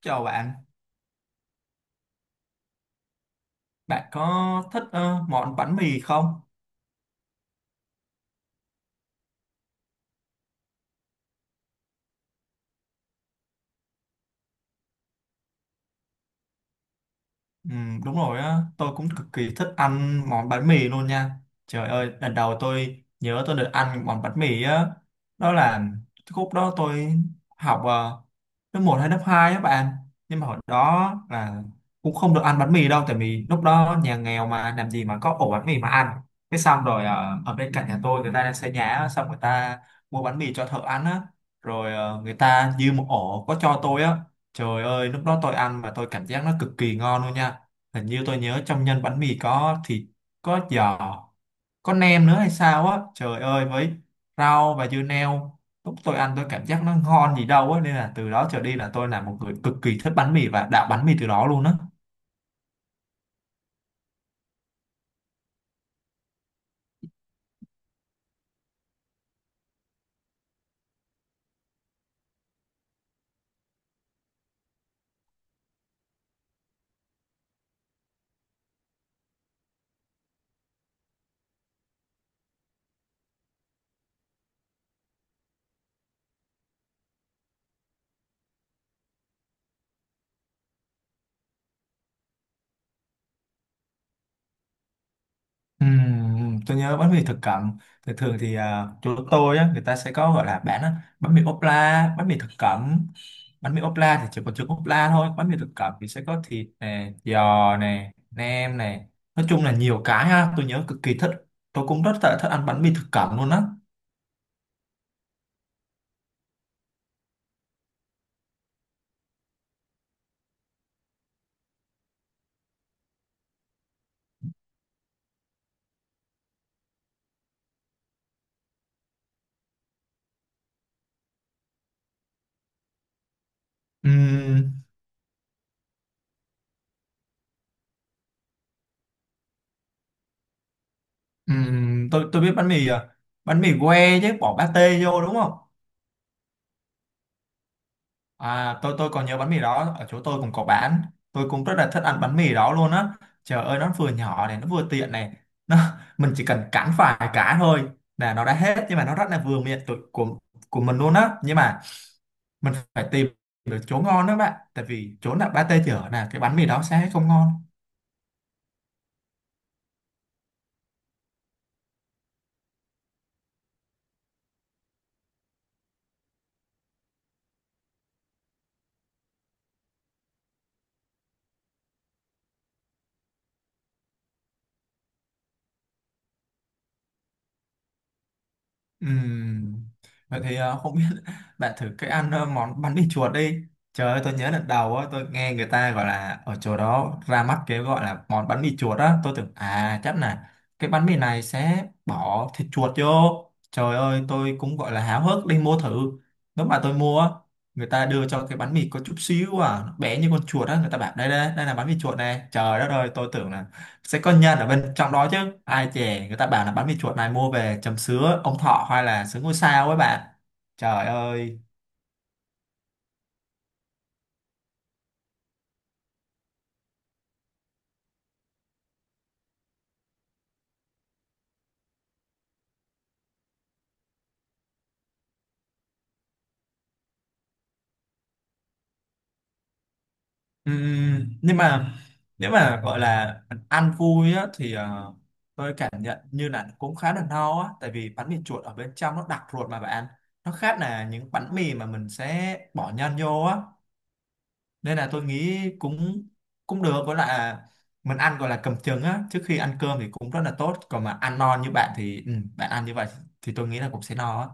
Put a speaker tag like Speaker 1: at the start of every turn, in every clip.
Speaker 1: Chào bạn, bạn có thích món bánh mì không? Ừ, đúng rồi á, tôi cũng cực kỳ thích ăn món bánh mì luôn nha. Trời ơi, lần đầu tôi nhớ tôi được ăn món bánh mì á, đó là lúc đó tôi học lớp một hay lớp 2 á bạn. Nhưng mà hồi đó là cũng không được ăn bánh mì đâu, tại vì lúc đó nhà nghèo mà làm gì mà có ổ bánh mì mà ăn. Cái xong rồi ở bên cạnh nhà tôi người ta đang xây nhà, á, xong người ta mua bánh mì cho thợ ăn á, rồi người ta dư một ổ có cho tôi á. Trời ơi, lúc đó tôi ăn mà tôi cảm giác nó cực kỳ ngon luôn nha. Hình như tôi nhớ trong nhân bánh mì có thịt, có giò, có nem nữa hay sao á. Trời ơi, với rau và dưa leo lúc tôi ăn tôi cảm giác nó ngon gì đâu á, nên là từ đó trở đi là tôi là một người cực kỳ thích bánh mì và đạo bánh mì từ đó luôn á. Ừm, tôi nhớ bánh mì thực cẩm, thường thường thì à, chỗ tôi á, người ta sẽ có gọi là bán á, bánh mì ốp la, bánh mì thực cẩm. Bánh mì ốp la thì chỉ còn chữ ốp la thôi, bánh mì thực cẩm thì sẽ có thịt này, giò này, nem này. Nói chung là nhiều cái ha, tôi nhớ cực kỳ thích. Tôi cũng rất là thích ăn bánh mì thực cẩm luôn á. Ừm, tôi biết bánh mì à, bánh mì que chứ bỏ pate vô đúng không? À, tôi còn nhớ bánh mì đó ở chỗ tôi cũng có bán, tôi cũng rất là thích ăn bánh mì đó luôn á. Trời ơi, nó vừa nhỏ này, nó vừa tiện này, nó mình chỉ cần cắn vài cái thôi là nó đã hết, nhưng mà nó rất là vừa miệng tụi, của mình luôn á. Nhưng mà mình phải tìm được chỗ ngon đó bạn, tại vì chỗ nào pate chở là cái bánh mì đó sẽ không ngon. Ừm, Vậy thì không biết bạn thử cái ăn món bánh mì chuột đi. Trời ơi, tôi nhớ lần đầu á, tôi nghe người ta gọi là ở chỗ đó ra mắt cái gọi là món bánh mì chuột á, tôi tưởng à chắc là cái bánh mì này sẽ bỏ thịt chuột vô. Trời ơi, tôi cũng gọi là háo hức đi mua thử. Lúc mà tôi mua á, người ta đưa cho cái bánh mì có chút xíu à, nó bé như con chuột á, người ta bảo đây đây, đây là bánh mì chuột này. Trời đất ơi, tôi tưởng là sẽ có nhân ở bên trong đó chứ, ai chè người ta bảo là bánh mì chuột này mua về chấm sứa ông thọ hay là sứa ngôi sao ấy bạn. Trời ơi. Nhưng mà nếu mà gọi là ăn vui á thì tôi cảm nhận như là cũng khá là no á, tại vì bánh mì chuột ở bên trong nó đặc ruột mà bạn. Nó khác là những bánh mì mà mình sẽ bỏ nhân vô á, nên là tôi nghĩ cũng cũng được, với lại là mình ăn gọi là cầm chừng á trước khi ăn cơm thì cũng rất là tốt. Còn mà ăn no như bạn thì ừ, bạn ăn như vậy thì tôi nghĩ là cũng sẽ no á.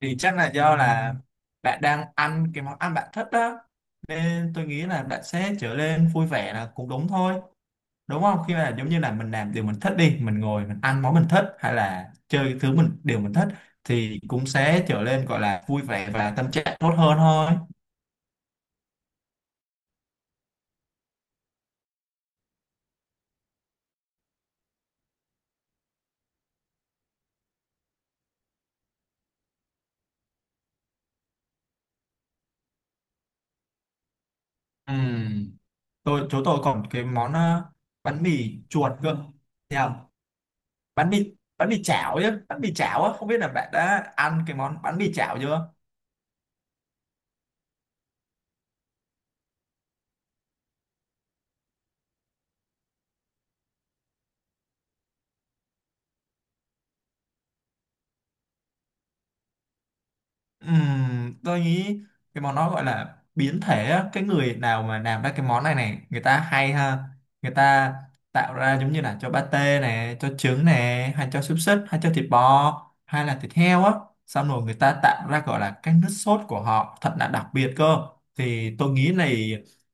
Speaker 1: Thì chắc là do là bạn đang ăn cái món ăn bạn thích đó, nên tôi nghĩ là bạn sẽ trở nên vui vẻ là cũng đúng thôi. Đúng không? Khi mà giống như là mình làm điều mình thích đi, mình ngồi mình ăn món mình thích hay là chơi cái thứ mình điều mình thích thì cũng sẽ trở nên gọi là vui vẻ và tâm trạng tốt hơn thôi. Ừ, tôi chỗ tôi còn cái món bánh mì chuột cơ. Thấy không? Bánh mì bánh mì chảo chứ, bánh mì chảo á, không biết là bạn đã ăn cái món bánh mì chảo chưa? Tôi nghĩ cái món đó gọi là biến thể á. Cái người nào mà làm ra cái món này này người ta hay ha, người ta tạo ra giống như là cho pate này, cho trứng này, hay cho xúc xích, hay cho thịt bò hay là thịt heo á. Xong rồi người ta tạo ra gọi là cái nước sốt của họ thật là đặc biệt cơ. Thì tôi nghĩ là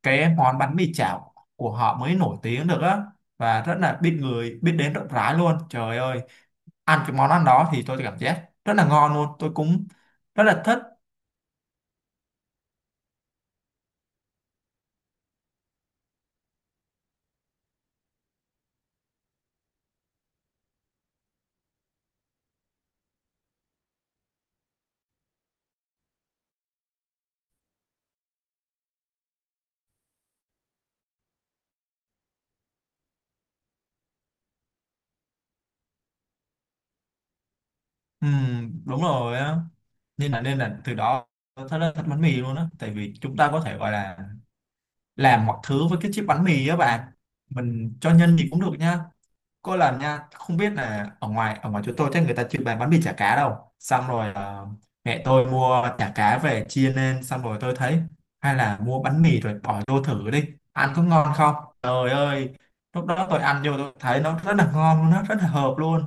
Speaker 1: cái món bánh mì chảo của họ mới nổi tiếng được á, và rất là biết người biết đến rộng rãi luôn. Trời ơi, ăn cái món ăn đó thì tôi cảm giác rất là ngon luôn, tôi cũng rất là thích. Ừ, đúng rồi á, nên là từ đó tôi thấy là thích bánh mì luôn á, tại vì chúng ta có thể gọi là làm mọi thứ với cái chiếc bánh mì á bạn, mình cho nhân thì cũng được nha. Có lần nha, không biết là ở ngoài chỗ tôi chắc người ta chưa bán bánh mì chả cá đâu, xong rồi mẹ tôi mua chả cá về chia lên, xong rồi tôi thấy hay là mua bánh mì rồi bỏ vô thử đi, ăn có ngon không. Trời ơi, lúc đó tôi ăn vô tôi thấy nó rất là ngon luôn, nó rất là hợp luôn.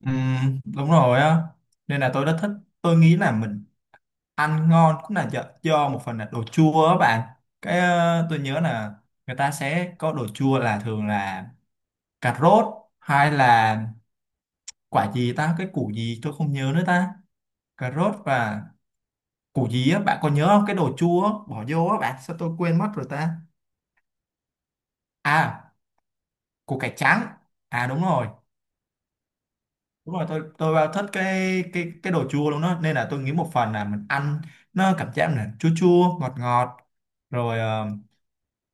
Speaker 1: Ừ, đúng rồi á, nên là tôi rất thích. Tôi nghĩ là mình ăn ngon cũng là do một phần là đồ chua á bạn. Cái tôi nhớ là người ta sẽ có đồ chua là thường là cà rốt, hay là quả gì ta, cái củ gì tôi không nhớ nữa ta. Cà rốt và củ gì á, bạn có nhớ không cái đồ chua á, bỏ vô á bạn? Sao tôi quên mất rồi ta. À, củ cải trắng. À, đúng rồi. Đúng rồi, tôi vào thích cái đồ chua luôn đó, nên là tôi nghĩ một phần là mình ăn nó cảm giác là chua chua ngọt ngọt, rồi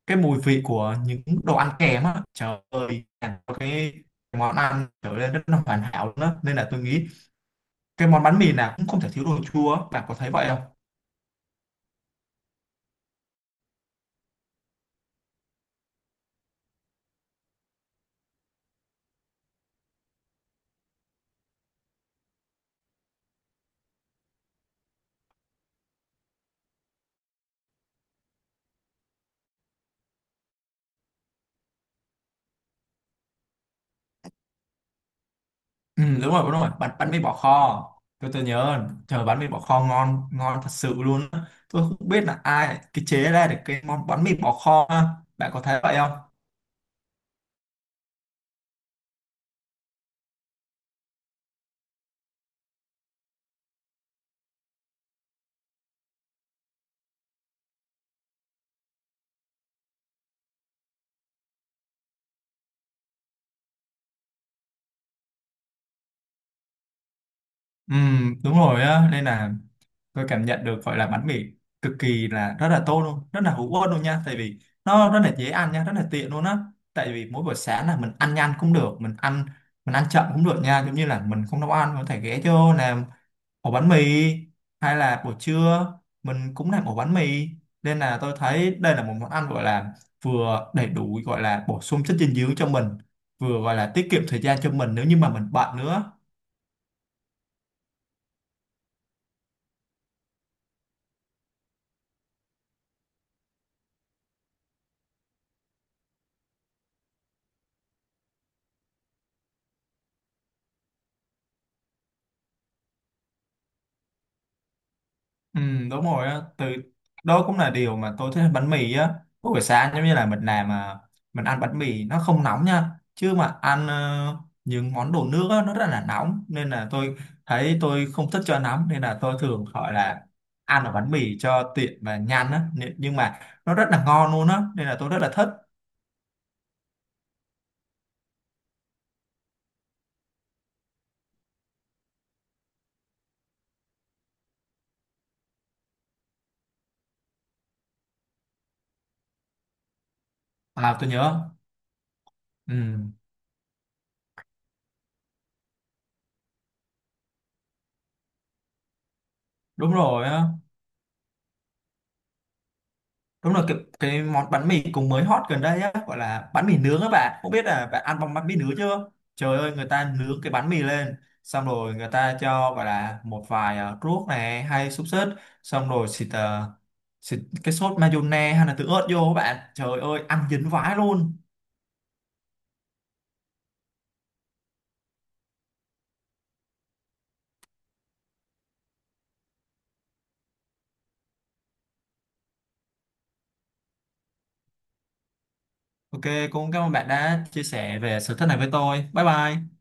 Speaker 1: cái mùi vị của những đồ ăn kèm á, trời ơi, làm cho cái món ăn trở nên rất là hoàn hảo luôn đó, nên là tôi nghĩ cái món bánh mì nào cũng không thể thiếu đồ chua á. Bạn có thấy vậy không? Ừ, đúng rồi, đúng rồi, bánh bánh mì bỏ kho. Tôi nhớ trời, bánh mì bỏ kho ngon ngon thật sự luôn á. Tôi không biết là ai cái chế ra được cái món bánh mì bỏ kho á. Bạn có thấy vậy không? Ừ, đúng rồi á, nên là tôi cảm nhận được gọi là bánh mì cực kỳ là rất là tốt luôn, rất là hữu ích luôn nha, tại vì nó rất là dễ ăn nha, rất là tiện luôn á. Tại vì mỗi buổi sáng là mình ăn nhanh cũng được, mình ăn chậm cũng được nha, giống như là mình không nấu ăn mình có thể ghé vô làm ổ bánh mì, hay là buổi trưa mình cũng làm ổ bánh mì. Nên là tôi thấy đây là một món ăn gọi là vừa đầy đủ, gọi là bổ sung chất dinh dưỡng cho mình, vừa gọi là tiết kiệm thời gian cho mình nếu như mà mình bận nữa. Ừ, đúng rồi á, từ đó cũng là điều mà tôi thích ăn bánh mì á. Mỗi buổi sáng giống như là mình làm mà mình ăn bánh mì nó không nóng nha, chứ mà ăn những món đồ nước á, nó rất là nóng, nên là tôi thấy tôi không thích cho nóng, nên là tôi thường gọi là ăn ở bánh mì cho tiện và nhanh á. Nhưng mà nó rất là ngon luôn á nên là tôi rất là thích. À, tôi nhớ. Ừ, đúng rồi á. Đúng rồi, cái món bánh mì cũng mới hot gần đây á, gọi là bánh mì nướng á bạn. Không biết là bạn ăn bông bánh mì nướng chưa? Trời ơi, người ta nướng cái bánh mì lên, xong rồi người ta cho gọi là một vài ruốc này hay xúc xích, xong rồi xịt, xịt cái sốt mayonnaise hay là tương ớt vô á bạn. Trời ơi, ăn dính vãi luôn. Ok, cũng cảm ơn bạn đã chia sẻ về sở thích này với tôi. Bye bye.